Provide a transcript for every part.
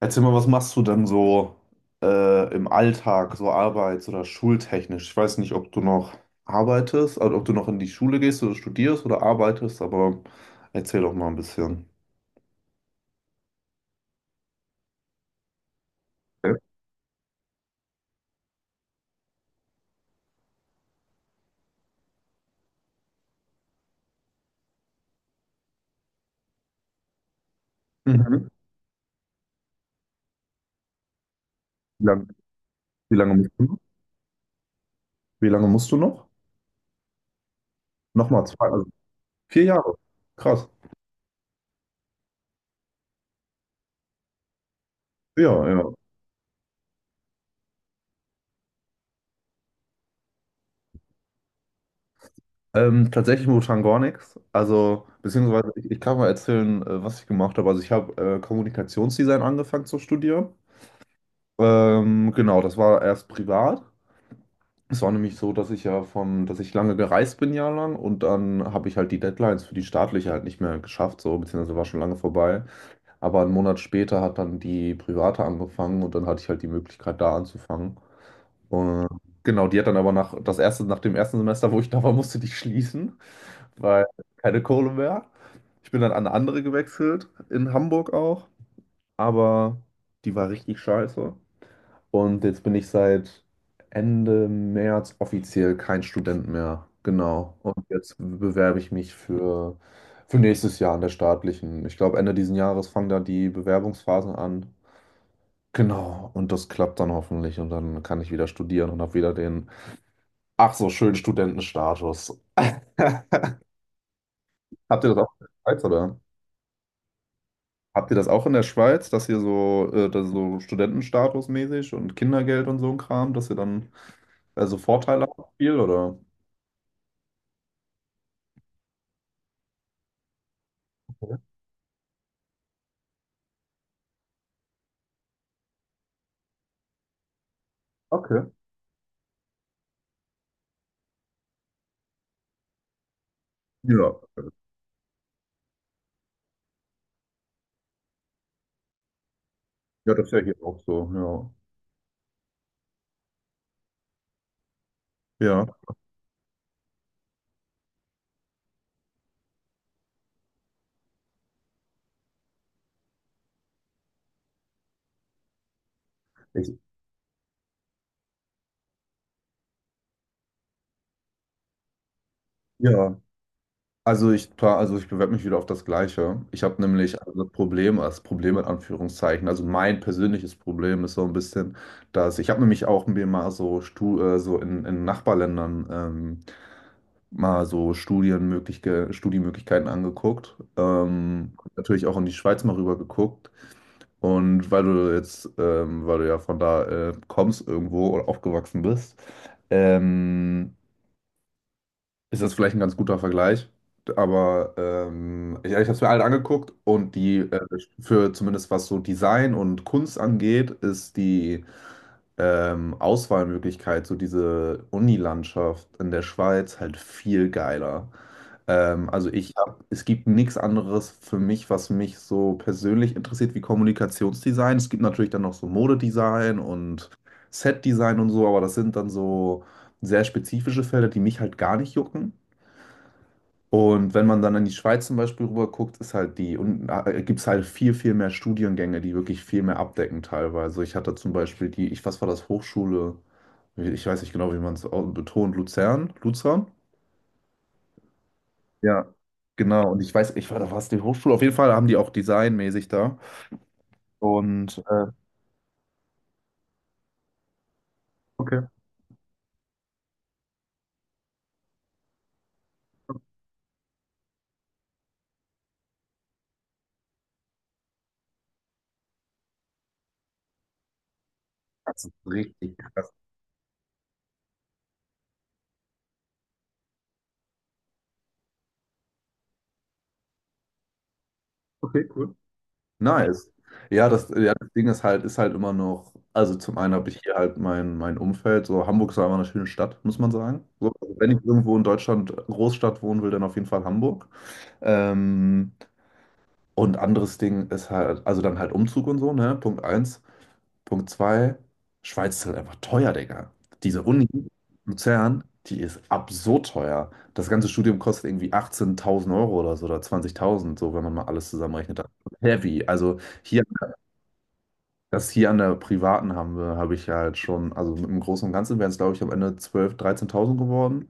Erzähl mal, was machst du denn so im Alltag, so arbeits- oder schultechnisch? Ich weiß nicht, ob du noch arbeitest, also ob du noch in die Schule gehst oder studierst oder arbeitest, aber erzähl doch mal ein bisschen. Äh, Mhm. Wie lang, wie lange musst du noch? Wie lange musst du noch? Nochmal zwei, also vier Jahre. Krass. Ja, ja. Tatsächlich momentan gar nichts. Also, beziehungsweise ich kann mal erzählen, was ich gemacht habe. Also ich habe Kommunikationsdesign angefangen zu studieren. Genau, das war erst privat. Es war nämlich so, dass ich lange gereist bin, jahrelang, und dann habe ich halt die Deadlines für die staatliche halt nicht mehr geschafft, so, beziehungsweise war schon lange vorbei. Aber einen Monat später hat dann die private angefangen und dann hatte ich halt die Möglichkeit, da anzufangen. Und genau, die hat dann aber nach dem ersten Semester, wo ich da war, musste die schließen, weil keine Kohle mehr. Ich bin dann an eine andere gewechselt, in Hamburg auch, aber die war richtig scheiße. Und jetzt bin ich seit Ende März offiziell kein Student mehr. Genau. Und jetzt bewerbe ich mich für nächstes Jahr an der staatlichen. Ich glaube, Ende diesen Jahres fangen da die Bewerbungsphasen an. Genau. Und das klappt dann hoffentlich. Und dann kann ich wieder studieren und habe wieder den, ach so, schönen Studentenstatus. Habt ihr das auch in der Schweiz, oder? Habt ihr das auch in der Schweiz, dass ihr so, dass so Studentenstatus mäßig und Kindergeld und so ein Kram, dass ihr dann also Vorteile habt, viel, oder? Okay. Ja, ja, das ist ja hier auch so, ja. Ja, ich, ja. Also ich, pla- also ich bewerbe mich wieder auf das Gleiche. Ich habe nämlich also das Problem in Anführungszeichen, also mein persönliches Problem ist so ein bisschen, dass ich habe nämlich auch mir mal so, so in Nachbarländern mal so Studienmöglichkeiten angeguckt. Natürlich auch in die Schweiz mal rüber geguckt. Und weil du ja von da kommst irgendwo oder aufgewachsen bist, ähm, ist das vielleicht ein ganz guter Vergleich. Aber ich habe es mir alle angeguckt und die für zumindest was so Design und Kunst angeht, ist die Auswahlmöglichkeit, so diese Unilandschaft in der Schweiz halt viel geiler. Also es gibt nichts anderes für mich, was mich so persönlich interessiert wie Kommunikationsdesign. Es gibt natürlich dann noch so Modedesign und Setdesign und so, aber das sind dann so sehr spezifische Felder, die mich halt gar nicht jucken. Und wenn man dann in die Schweiz zum Beispiel rüber guckt, ist halt die, und gibt es halt viel, viel mehr Studiengänge, die wirklich viel mehr abdecken teilweise. Ich hatte zum Beispiel die, ich, was war das, Hochschule, ich weiß nicht genau, wie man es betont, Luzern, Luzern. Ja, genau. Und ich weiß, ich war da, war es die Hochschule? Auf jeden Fall haben die auch designmäßig da. Und äh, Okay. Das ist richtig krass. Okay, cool. Nice. Ja, das Ding ist halt immer noch, also zum einen habe ich hier halt mein Umfeld, so Hamburg ist einfach eine schöne Stadt, muss man sagen. So, also wenn ich irgendwo in Deutschland Großstadt wohnen will, dann auf jeden Fall Hamburg. Ähm, und anderes Ding ist halt, also dann halt Umzug und so, ne? Punkt eins. Punkt zwei, Schweiz ist halt einfach teuer, Digga. Diese Uni Luzern, die ist absurd teuer. Das ganze Studium kostet irgendwie 18.000 Euro oder so oder 20.000, so wenn man mal alles zusammenrechnet. Das ist heavy. Also hier, das hier an der privaten habe ich halt schon, also im Großen und Ganzen wären es, glaube ich, am Ende 12.000, 13.000 geworden.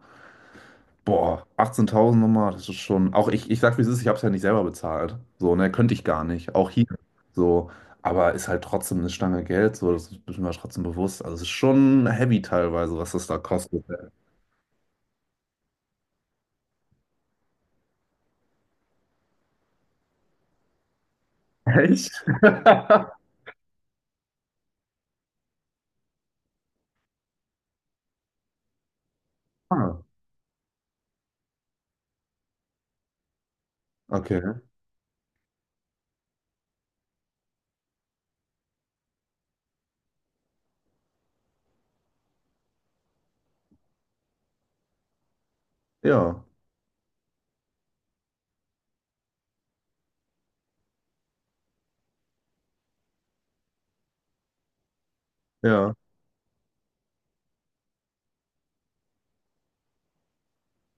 Boah, 18.000 nochmal, das ist schon. Auch ich sag, wie es ist, ich hab's ja nicht selber bezahlt. So, ne, könnte ich gar nicht. Auch hier. So, aber ist halt trotzdem eine Stange Geld. So, das ist mir trotzdem bewusst. Also, es ist schon heavy teilweise, was das da kostet. Echt? Ah, okay. Ja, ja.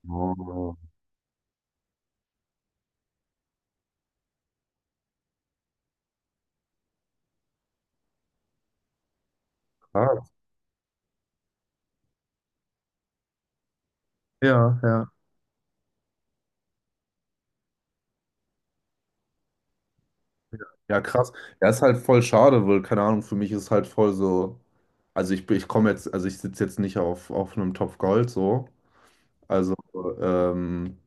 Oh, krass. Ja, ja. Ja, krass. Ja, ist halt voll schade, weil, keine Ahnung, für mich ist halt voll so. Also ich sitze jetzt nicht auf einem Topf Gold so, Also, ähm,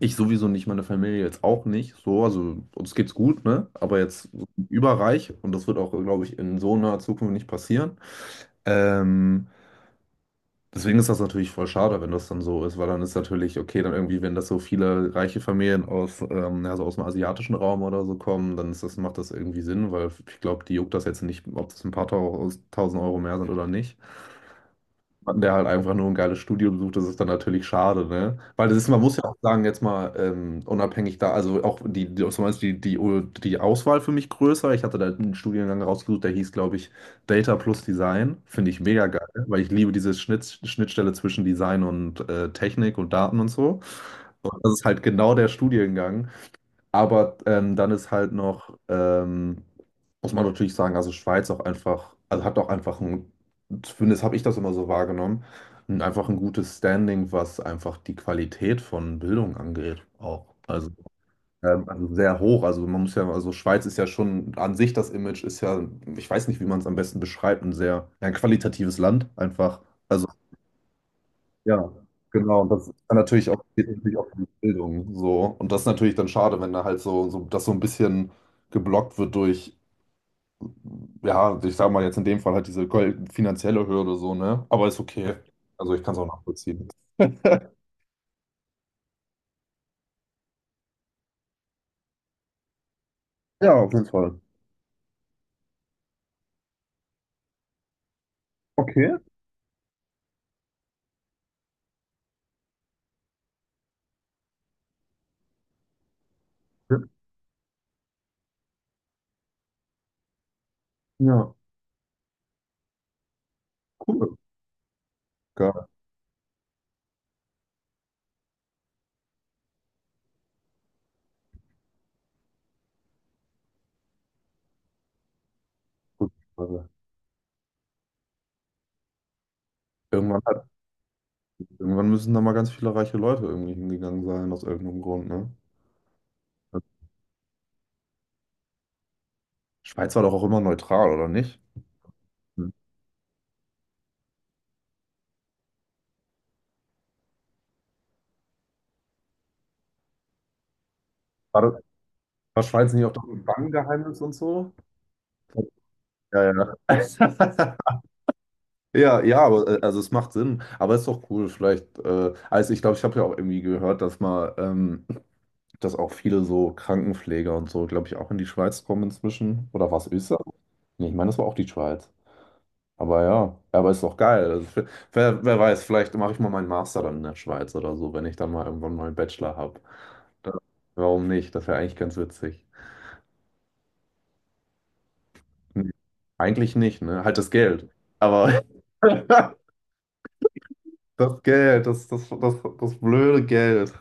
ich sowieso nicht, meine Familie jetzt auch nicht. So, also uns geht's gut, ne? Aber jetzt überreich und das wird auch, glaube ich, in so naher Zukunft nicht passieren. Ähm, deswegen ist das natürlich voll schade, wenn das dann so ist, weil dann ist natürlich, okay, dann irgendwie, wenn das so viele reiche Familien aus, also aus dem asiatischen Raum oder so kommen, dann ist das, macht das irgendwie Sinn, weil ich glaube, die juckt das jetzt nicht, ob das ein paar tausend Euro mehr sind oder nicht. Mann, der halt einfach nur ein geiles Studio besucht, das ist dann natürlich schade, ne? Weil das ist, man muss ja auch sagen, jetzt mal unabhängig da, also auch zum Beispiel die Auswahl für mich größer. Ich hatte da einen Studiengang rausgesucht, der hieß, glaube ich, Data plus Design. Finde ich mega geil, weil ich liebe diese Schnittstelle zwischen Design und Technik und Daten und so. Und das ist halt genau der Studiengang, aber dann ist halt noch, muss man natürlich sagen, also Schweiz auch einfach, also hat auch einfach ein, zumindest habe ich das immer so wahrgenommen, einfach ein gutes Standing, was einfach die Qualität von Bildung angeht, auch. Also sehr hoch. Also man muss ja, also Schweiz ist ja schon an sich das Image ist ja, ich weiß nicht, wie man es am besten beschreibt, ein sehr ein qualitatives Land einfach. Also ja, genau. Und das ist dann natürlich auch, geht natürlich auch um Bildung so. Und das ist natürlich dann schade, wenn da halt so das so ein bisschen geblockt wird durch, ja, ich sag mal jetzt in dem Fall halt diese finanzielle Hürde so, ne? Aber ist okay. Also ich kann es auch nachvollziehen. Ja, auf jeden Fall. Okay. Ja, cool. Geil. Gut. Also, Irgendwann, hat, irgendwann müssen da mal ganz viele reiche Leute irgendwie hingegangen sein, aus irgendeinem Grund, ne? Schweiz war doch auch immer neutral, oder nicht? Hm. War das, War Schweiz nicht auch doch mit Bankengeheimnis und so? Ja, ja. Ja, ja, aber also es macht Sinn. Aber es ist doch cool, vielleicht. Also ich glaube, ich habe ja auch irgendwie gehört, dass auch viele so Krankenpfleger und so, glaube ich, auch in die Schweiz kommen inzwischen. Oder war es Österreich? Nee, ich meine, das war auch die Schweiz. Aber ja, aber ist doch geil. Also, wer weiß, vielleicht mache ich mal meinen Master dann in der Schweiz oder so, wenn ich dann mal irgendwann mal einen Bachelor habe. Warum nicht? Das wäre eigentlich ganz witzig. Nee, eigentlich nicht, ne? Halt das Geld. Aber das Geld, das blöde Geld.